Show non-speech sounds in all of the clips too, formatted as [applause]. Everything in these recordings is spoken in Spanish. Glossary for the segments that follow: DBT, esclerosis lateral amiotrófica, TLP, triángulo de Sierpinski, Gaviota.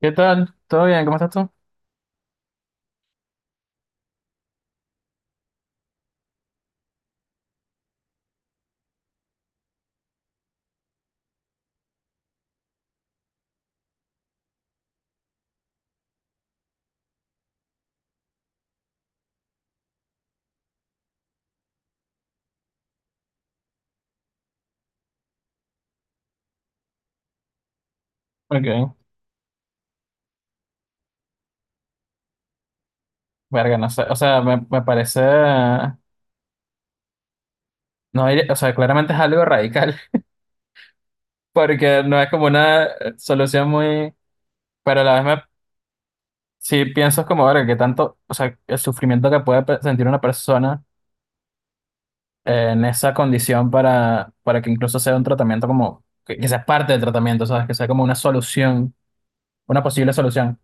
¿Qué tal? ¿Todo bien? ¿Cómo estás tú? Ok, verga, no sé, o sea, me parece, no, o sea, claramente es algo radical. [laughs] Porque no es como una solución muy, pero a la vez me, sí pienso como, verga, que tanto, o sea, el sufrimiento que puede sentir una persona en esa condición para que incluso sea un tratamiento como, que sea parte del tratamiento, ¿sabes? Que sea como una solución, una posible solución,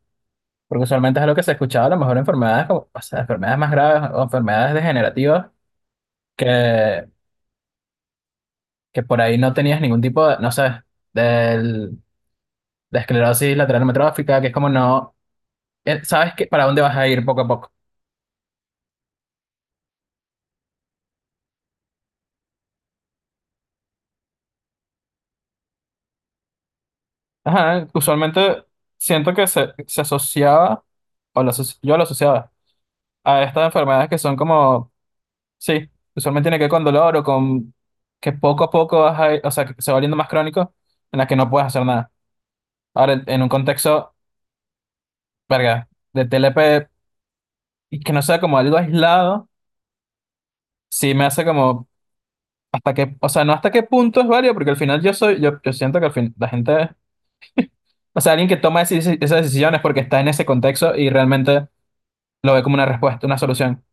porque usualmente es lo que se escuchaba, a lo mejor enfermedades como, o sea, enfermedades más graves o enfermedades degenerativas que que por ahí no tenías ningún tipo de, no sé, del, de esclerosis lateral amiotrófica, que es como no, sabes que para dónde vas a ir poco a poco. Ajá, usualmente siento que se asociaba, yo lo asociaba a estas enfermedades que son como, sí, usualmente tiene que ver con dolor o con que poco a poco o sea, que se va volviendo más crónico, en las que no puedes hacer nada. Ahora, en un contexto, verga, de TLP, y que no sea como algo aislado, sí me hace como hasta qué, o sea, no hasta qué punto es válido, porque al final yo soy, yo siento que al fin la gente, o sea, alguien que toma esas decisiones porque está en ese contexto y realmente lo ve como una respuesta, una solución.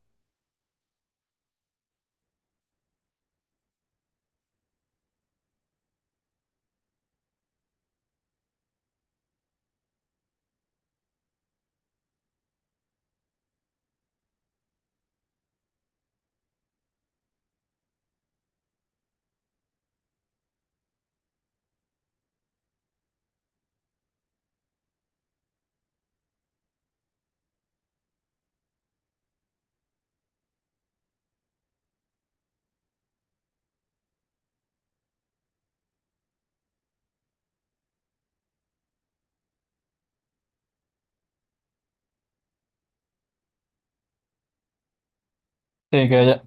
Sí,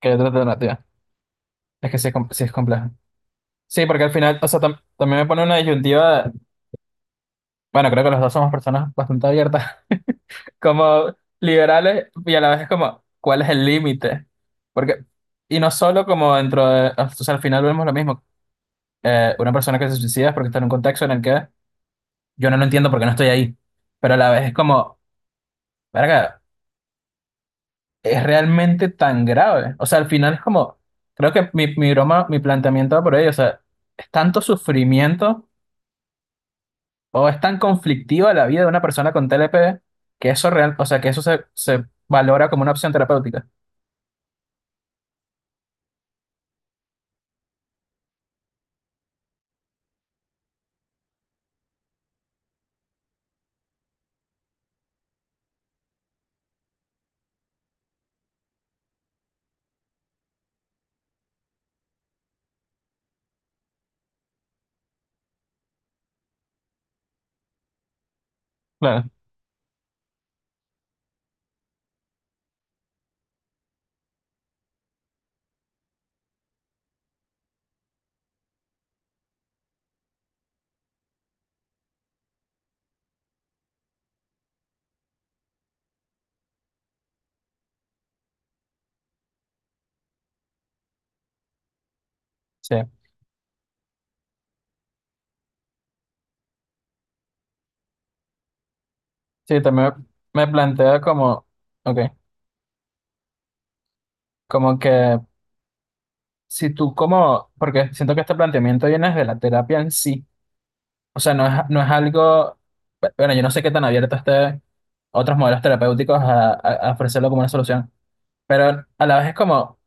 que haya otra alternativa. Es que sí es, sí es complejo. Sí, porque al final, o sea, también me pone una disyuntiva, bueno, creo que los dos somos personas bastante abiertas, [laughs] como liberales, y a la vez es como, ¿cuál es el límite? Porque, y no solo como dentro de, o sea, al final vemos lo mismo, una persona que se suicida es porque está en un contexto en el que yo no lo entiendo porque no estoy ahí, pero a la vez es como, verga, es realmente tan grave. O sea, al final es como, creo que mi, broma, mi planteamiento va por ahí, o sea, es tanto sufrimiento o es tan conflictiva la vida de una persona con TLP que eso real, o sea, que eso se valora como una opción terapéutica. Claro. Sí, sí, también me plantea como, ok, como que si tú como, porque siento que este planteamiento viene de la terapia en sí. O sea, no es, no es algo, bueno, yo no sé qué tan abierto esté otros modelos terapéuticos a ofrecerlo como una solución, pero a la vez es como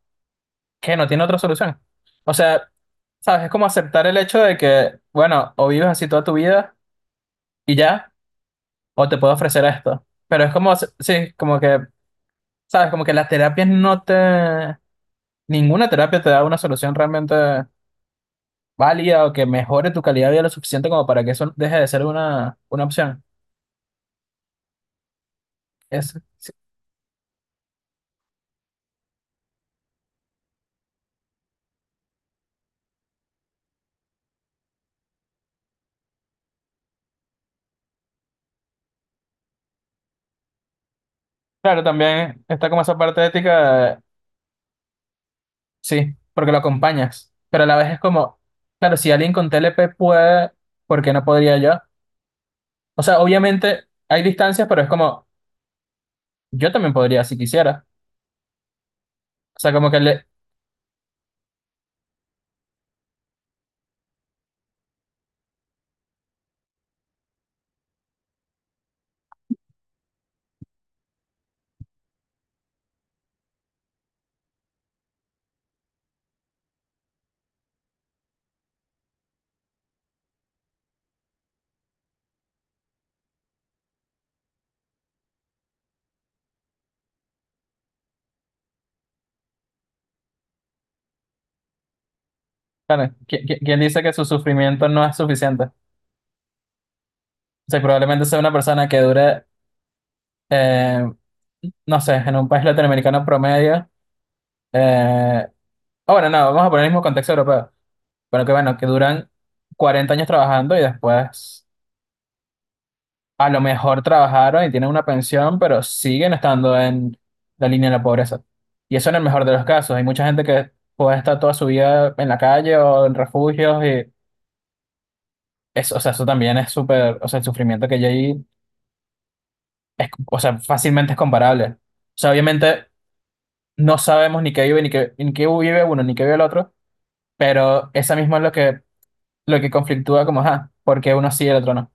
que no tiene otra solución. O sea, ¿sabes? Es como aceptar el hecho de que, bueno, o vives así toda tu vida y ya, o te puedo ofrecer esto. Pero es como, sí, como que, ¿sabes? Como que las terapias no te, ninguna terapia te da una solución realmente válida o que mejore tu calidad de vida lo suficiente como para que eso deje de ser una opción. Es, sí, Claro, también está como esa parte ética, sí, porque lo acompañas, pero a la vez es como, claro, si alguien con TLP puede, ¿por qué no podría yo? O sea, obviamente hay distancias, pero es como, yo también podría si quisiera. O sea, como que le, claro, ¿quién dice que su sufrimiento no es suficiente? O sea, probablemente sea una persona que dure, eh, no sé, en un país latinoamericano promedio, eh, ah, bueno, no, vamos a poner el mismo contexto europeo, pero que bueno, que duran 40 años trabajando y después, a lo mejor, trabajaron y tienen una pensión, pero siguen estando en la línea de la pobreza. Y eso en el mejor de los casos. Hay mucha gente que puede estar toda su vida en la calle o en refugios y eso. O sea, eso también es súper, o sea, el sufrimiento que hay ahí es, o sea, fácilmente es comparable. O sea, obviamente no sabemos ni qué vive ni qué, vive uno ni qué vive el otro, pero esa misma es lo que conflictúa como, ah, porque uno sí y el otro no.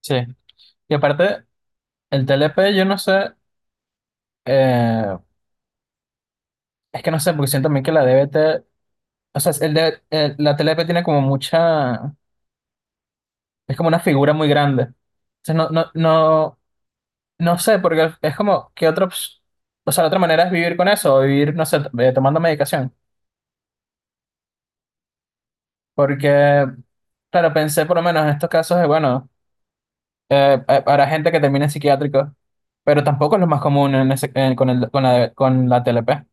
Sí. Y aparte, el TLP, yo no sé, eh, es que no sé, porque siento también que la DBT. O sea, la TLP tiene como mucha, es como una figura muy grande. O sea, no, no, no, no sé, porque es como que otra, o sea, la otra manera es vivir con eso, o vivir, no sé, tomando medicación. Porque, claro, pensé por lo menos en estos casos de, bueno, para gente que termina en psiquiátrico, pero tampoco es lo más común en con el, con la TLP.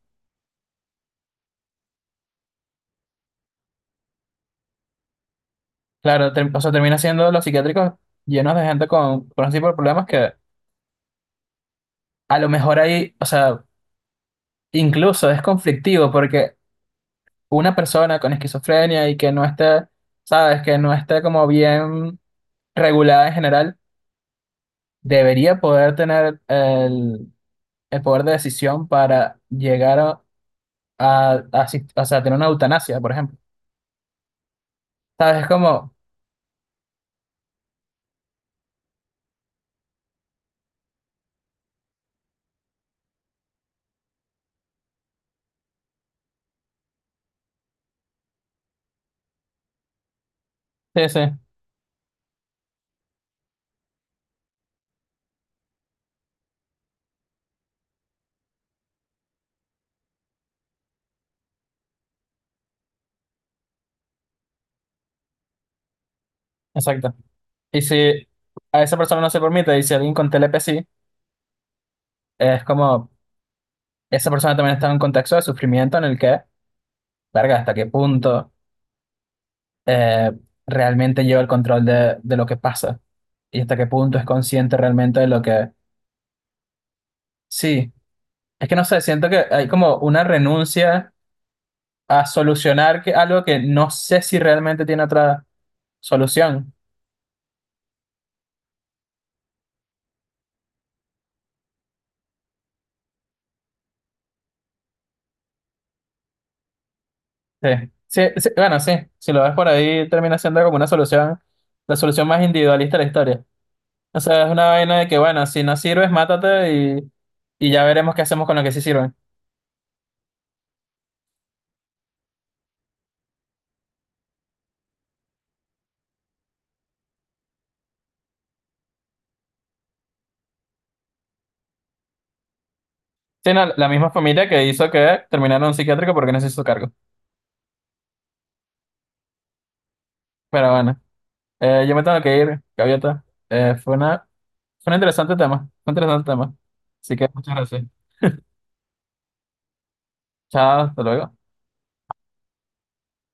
Claro, o sea, termina siendo los psiquiátricos llenos de gente con ese tipo de problemas que a lo mejor ahí, o sea, incluso es conflictivo, porque una persona con esquizofrenia y que no esté, sabes, que no esté como bien regulada en general, debería poder tener el, poder de decisión para llegar o sea, tener una eutanasia, por ejemplo. Sabes, es como, sí, sí, exacto. Y si a esa persona no se permite, y si alguien con TLP sí, es como, esa persona también está en un contexto de sufrimiento en el que, verga, ¿hasta qué punto eh, realmente lleva el control de lo que pasa y hasta qué punto es consciente realmente de lo que...? Sí, es que no sé, siento que hay como una renuncia a solucionar que, algo que no sé si realmente tiene otra solución. Sí, sí, sí, bueno, sí, si lo ves por ahí termina siendo como una solución, la solución más individualista de la historia. O sea, es una vaina de que, bueno, si no sirves, mátate y ya veremos qué hacemos con lo que sí sirven. Sí, no, la misma familia que hizo que terminara en un psiquiátrico porque no se hizo cargo. Pero bueno. Yo me tengo que ir, Gaviota. Fue una, fue un interesante tema, fue un interesante tema. Así que muchas gracias. Chao, hasta luego.